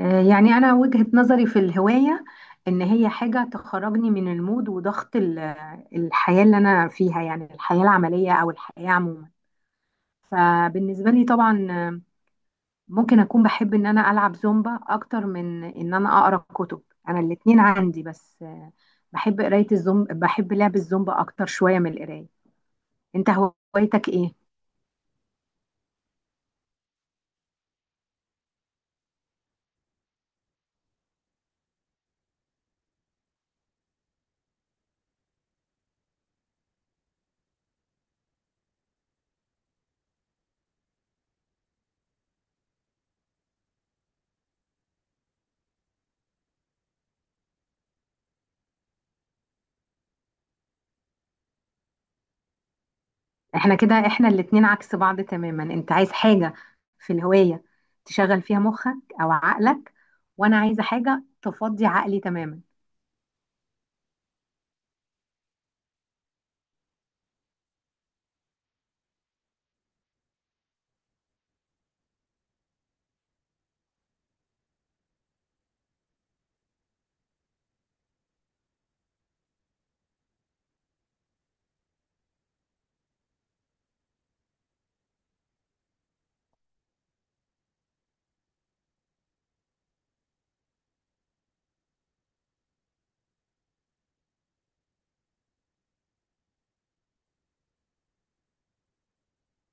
يعني أنا وجهة نظري في الهواية إن هي حاجة تخرجني من المود وضغط الحياة اللي أنا فيها، يعني الحياة العملية أو الحياة عموما. فبالنسبة لي طبعا ممكن أكون بحب إن أنا ألعب زومبا أكتر من إن أنا أقرأ كتب. أنا الاتنين عندي، بس بحب قراية الزومبا، بحب لعب الزومبا أكتر شوية من القراية. أنت هوايتك إيه؟ احنا كده احنا الاتنين عكس بعض تماما. انت عايز حاجة في الهواية تشغل فيها مخك او عقلك، وانا عايزة حاجة تفضي عقلي تماما.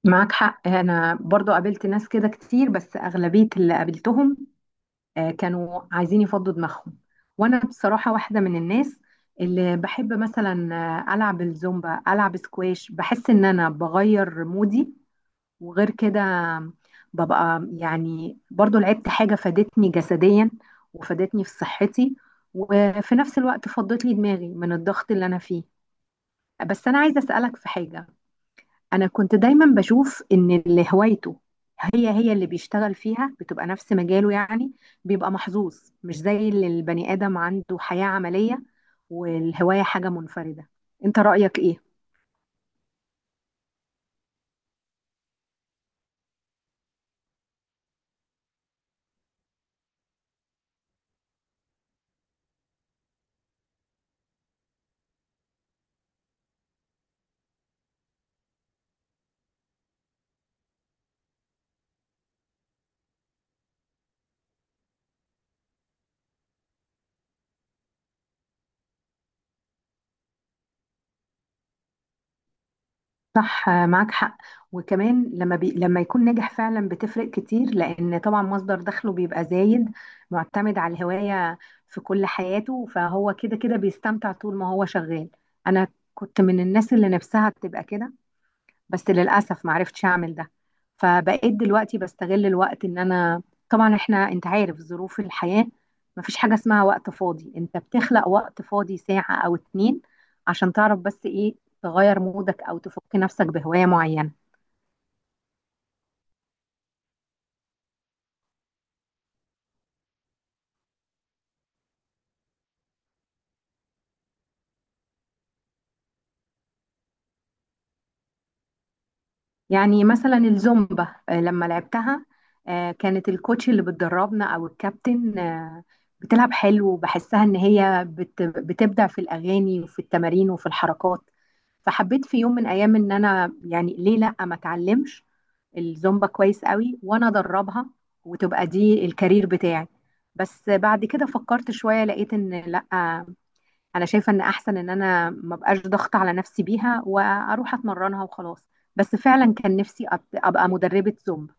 معاك حق، انا برضو قابلت ناس كده كتير، بس اغلبية اللي قابلتهم كانوا عايزين يفضوا دماغهم. وانا بصراحة واحدة من الناس اللي بحب مثلا العب الزومبا، العب سكواش، بحس ان انا بغير مودي. وغير كده ببقى يعني برضو لعبت حاجة فادتني جسديا وفادتني في صحتي، وفي نفس الوقت فضت لي دماغي من الضغط اللي أنا فيه. بس أنا عايزة أسألك في حاجة. أنا كنت دايما بشوف إن اللي هوايته هي هي اللي بيشتغل فيها، بتبقى نفس مجاله. يعني بيبقى محظوظ، مش زي اللي البني آدم عنده حياة عملية والهواية حاجة منفردة. أنت رأيك إيه؟ صح، معاك حق. وكمان لما يكون ناجح فعلا بتفرق كتير، لان طبعا مصدر دخله بيبقى زايد معتمد على الهواية في كل حياته، فهو كده كده بيستمتع طول ما هو شغال. انا كنت من الناس اللي نفسها تبقى كده، بس للأسف ما عرفتش أعمل ده. فبقيت دلوقتي بستغل الوقت إن أنا، طبعا إحنا أنت عارف ظروف الحياة، ما فيش حاجة اسمها وقت فاضي، أنت بتخلق وقت فاضي ساعة أو اتنين عشان تعرف بس إيه، تغير مودك أو تفك نفسك بهواية معينة. يعني مثلا الزومبا لما لعبتها كانت الكوتش اللي بتدربنا او الكابتن بتلعب حلو، وبحسها ان هي بتبدع في الاغاني وفي التمارين وفي الحركات. فحبيت في يوم من ايام ان انا، يعني ليه لا ما اتعلمش الزومبا كويس قوي وانا ادربها، وتبقى دي الكارير بتاعي. بس بعد كده فكرت شوية، لقيت ان لا، انا شايفه ان احسن ان انا ما بقاش ضغط على نفسي بيها واروح اتمرنها وخلاص. بس فعلا كان نفسي ابقى مدربه زومبا.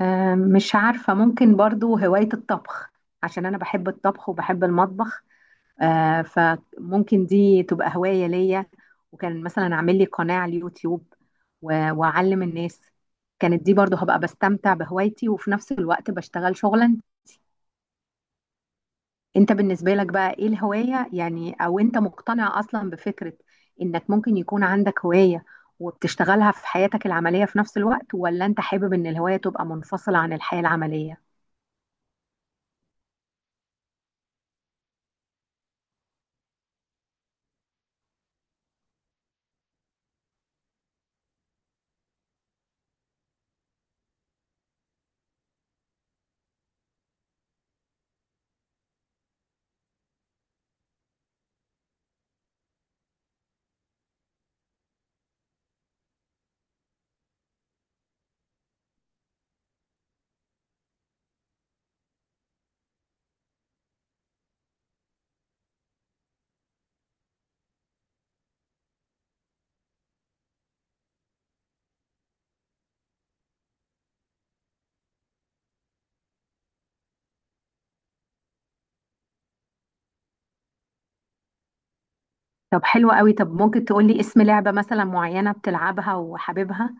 مش عارفه، ممكن برضو هوايه الطبخ، عشان انا بحب الطبخ وبحب المطبخ. فممكن دي تبقى هوايه ليا. وكان مثلا اعمل لي قناه على اليوتيوب واعلم الناس. كانت دي برضو هبقى بستمتع بهوايتي وفي نفس الوقت بشتغل شغلا. انت بالنسبة لك بقى ايه الهواية؟ يعني او انت مقتنع اصلا بفكرة انك ممكن يكون عندك هواية وبتشتغلها في حياتك العملية في نفس الوقت، ولا انت حابب ان الهواية تبقى منفصلة عن الحياة العملية؟ طب حلو قوي. طب ممكن تقولي اسم لعبة مثلا معينة بتلعبها وحاببها؟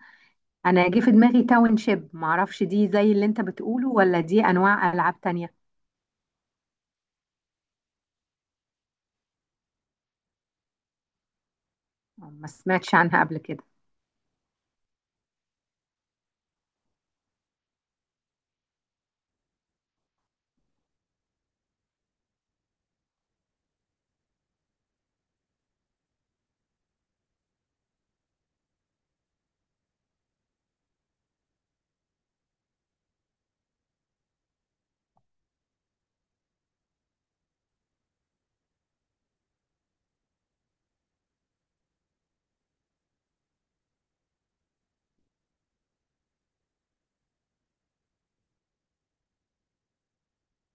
انا جه في دماغي تاون شيب، معرفش دي زي اللي انت بتقوله ولا دي انواع العاب تانية. ما سمعتش عنها قبل كده.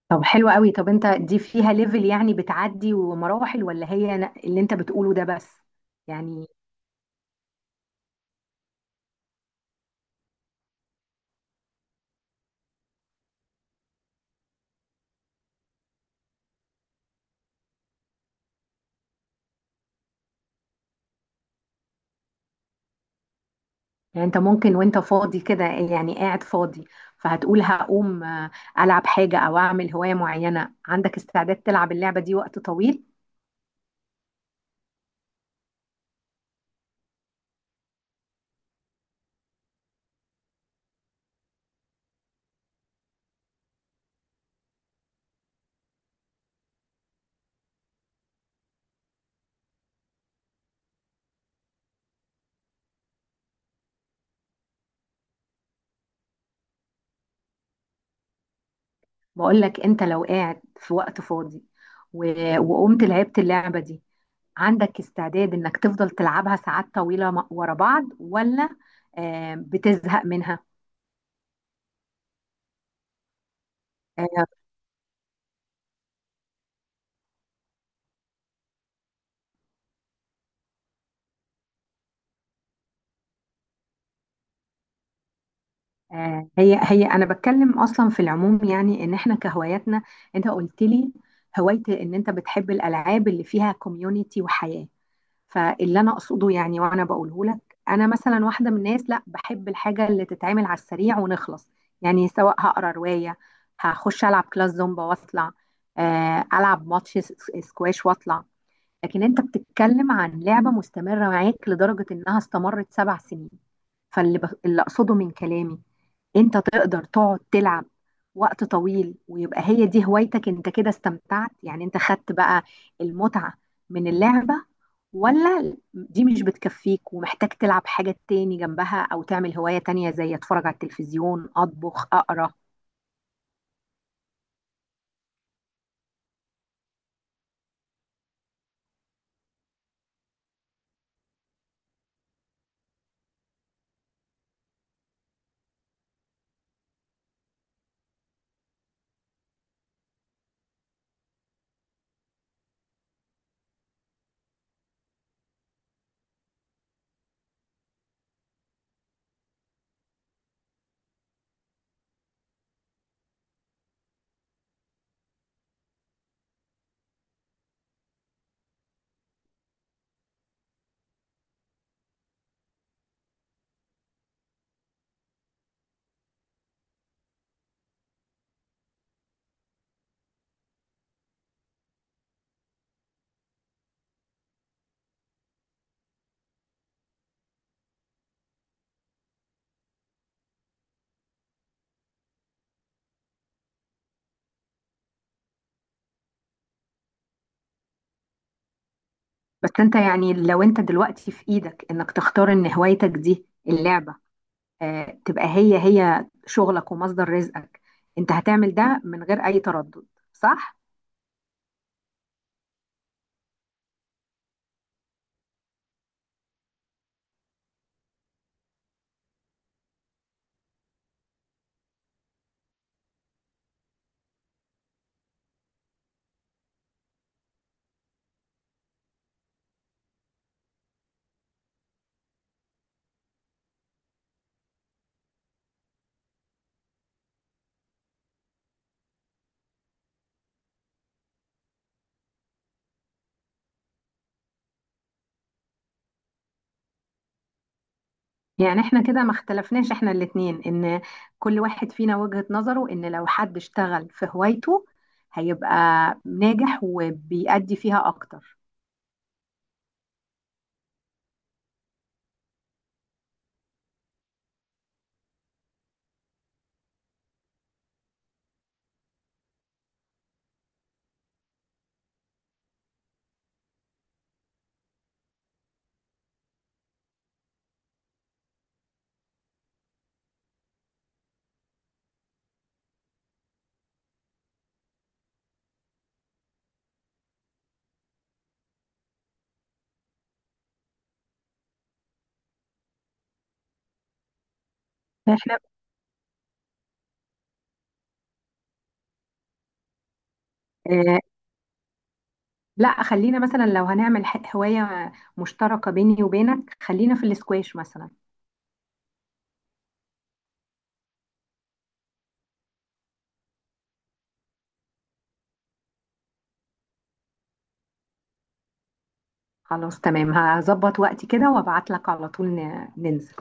طب حلو قوي. طب انت دي فيها ليفل، يعني بتعدي ومراحل، ولا هي اللي انت بتقوله ده بس؟ يعني يعني انت ممكن وانت فاضي كده، يعني قاعد فاضي، فهتقول هقوم العب حاجة او اعمل هواية معينة، عندك استعداد تلعب اللعبة دي وقت طويل؟ بقول لك، انت لو قاعد في وقت فاضي وقمت لعبت اللعبة دي، عندك استعداد انك تفضل تلعبها ساعات طويلة ورا بعض، ولا بتزهق منها؟ آه، هي هي انا بتكلم اصلا في العموم، يعني ان احنا كهواياتنا. انت قلت لي هوايتي ان انت بتحب الالعاب اللي فيها كوميونيتي وحياة. فاللي انا اقصده، يعني وانا بقوله لك، انا مثلا واحده من الناس لا بحب الحاجه اللي تتعمل على السريع ونخلص. يعني سواء هقرا روايه، هخش العب كلاس زومبا واطلع، العب ماتش سكواش واطلع. لكن انت بتتكلم عن لعبه مستمره معاك لدرجه انها استمرت 7 سنين. اللي اقصده من كلامي، انت تقدر تقعد تلعب وقت طويل ويبقى هي دي هوايتك، انت كده استمتعت، يعني انت خدت بقى المتعة من اللعبة؟ ولا دي مش بتكفيك ومحتاج تلعب حاجة تاني جنبها او تعمل هواية تانية زي اتفرج على التلفزيون، اطبخ، اقرا؟ بس انت، يعني لو انت دلوقتي في ايدك انك تختار ان هوايتك دي اللعبة تبقى هي هي شغلك ومصدر رزقك، انت هتعمل ده من غير اي تردد، صح؟ يعني احنا كده ما اختلفناش احنا الاتنين، ان كل واحد فينا وجهة نظره ان لو حد اشتغل في هوايته هيبقى ناجح وبيأدي فيها اكتر. احنا، اه، لا، خلينا مثلا لو هنعمل هواية مشتركة بيني وبينك، خلينا في الاسكواش مثلا. خلاص، تمام، هظبط وقتي كده وابعت لك على طول ننزل.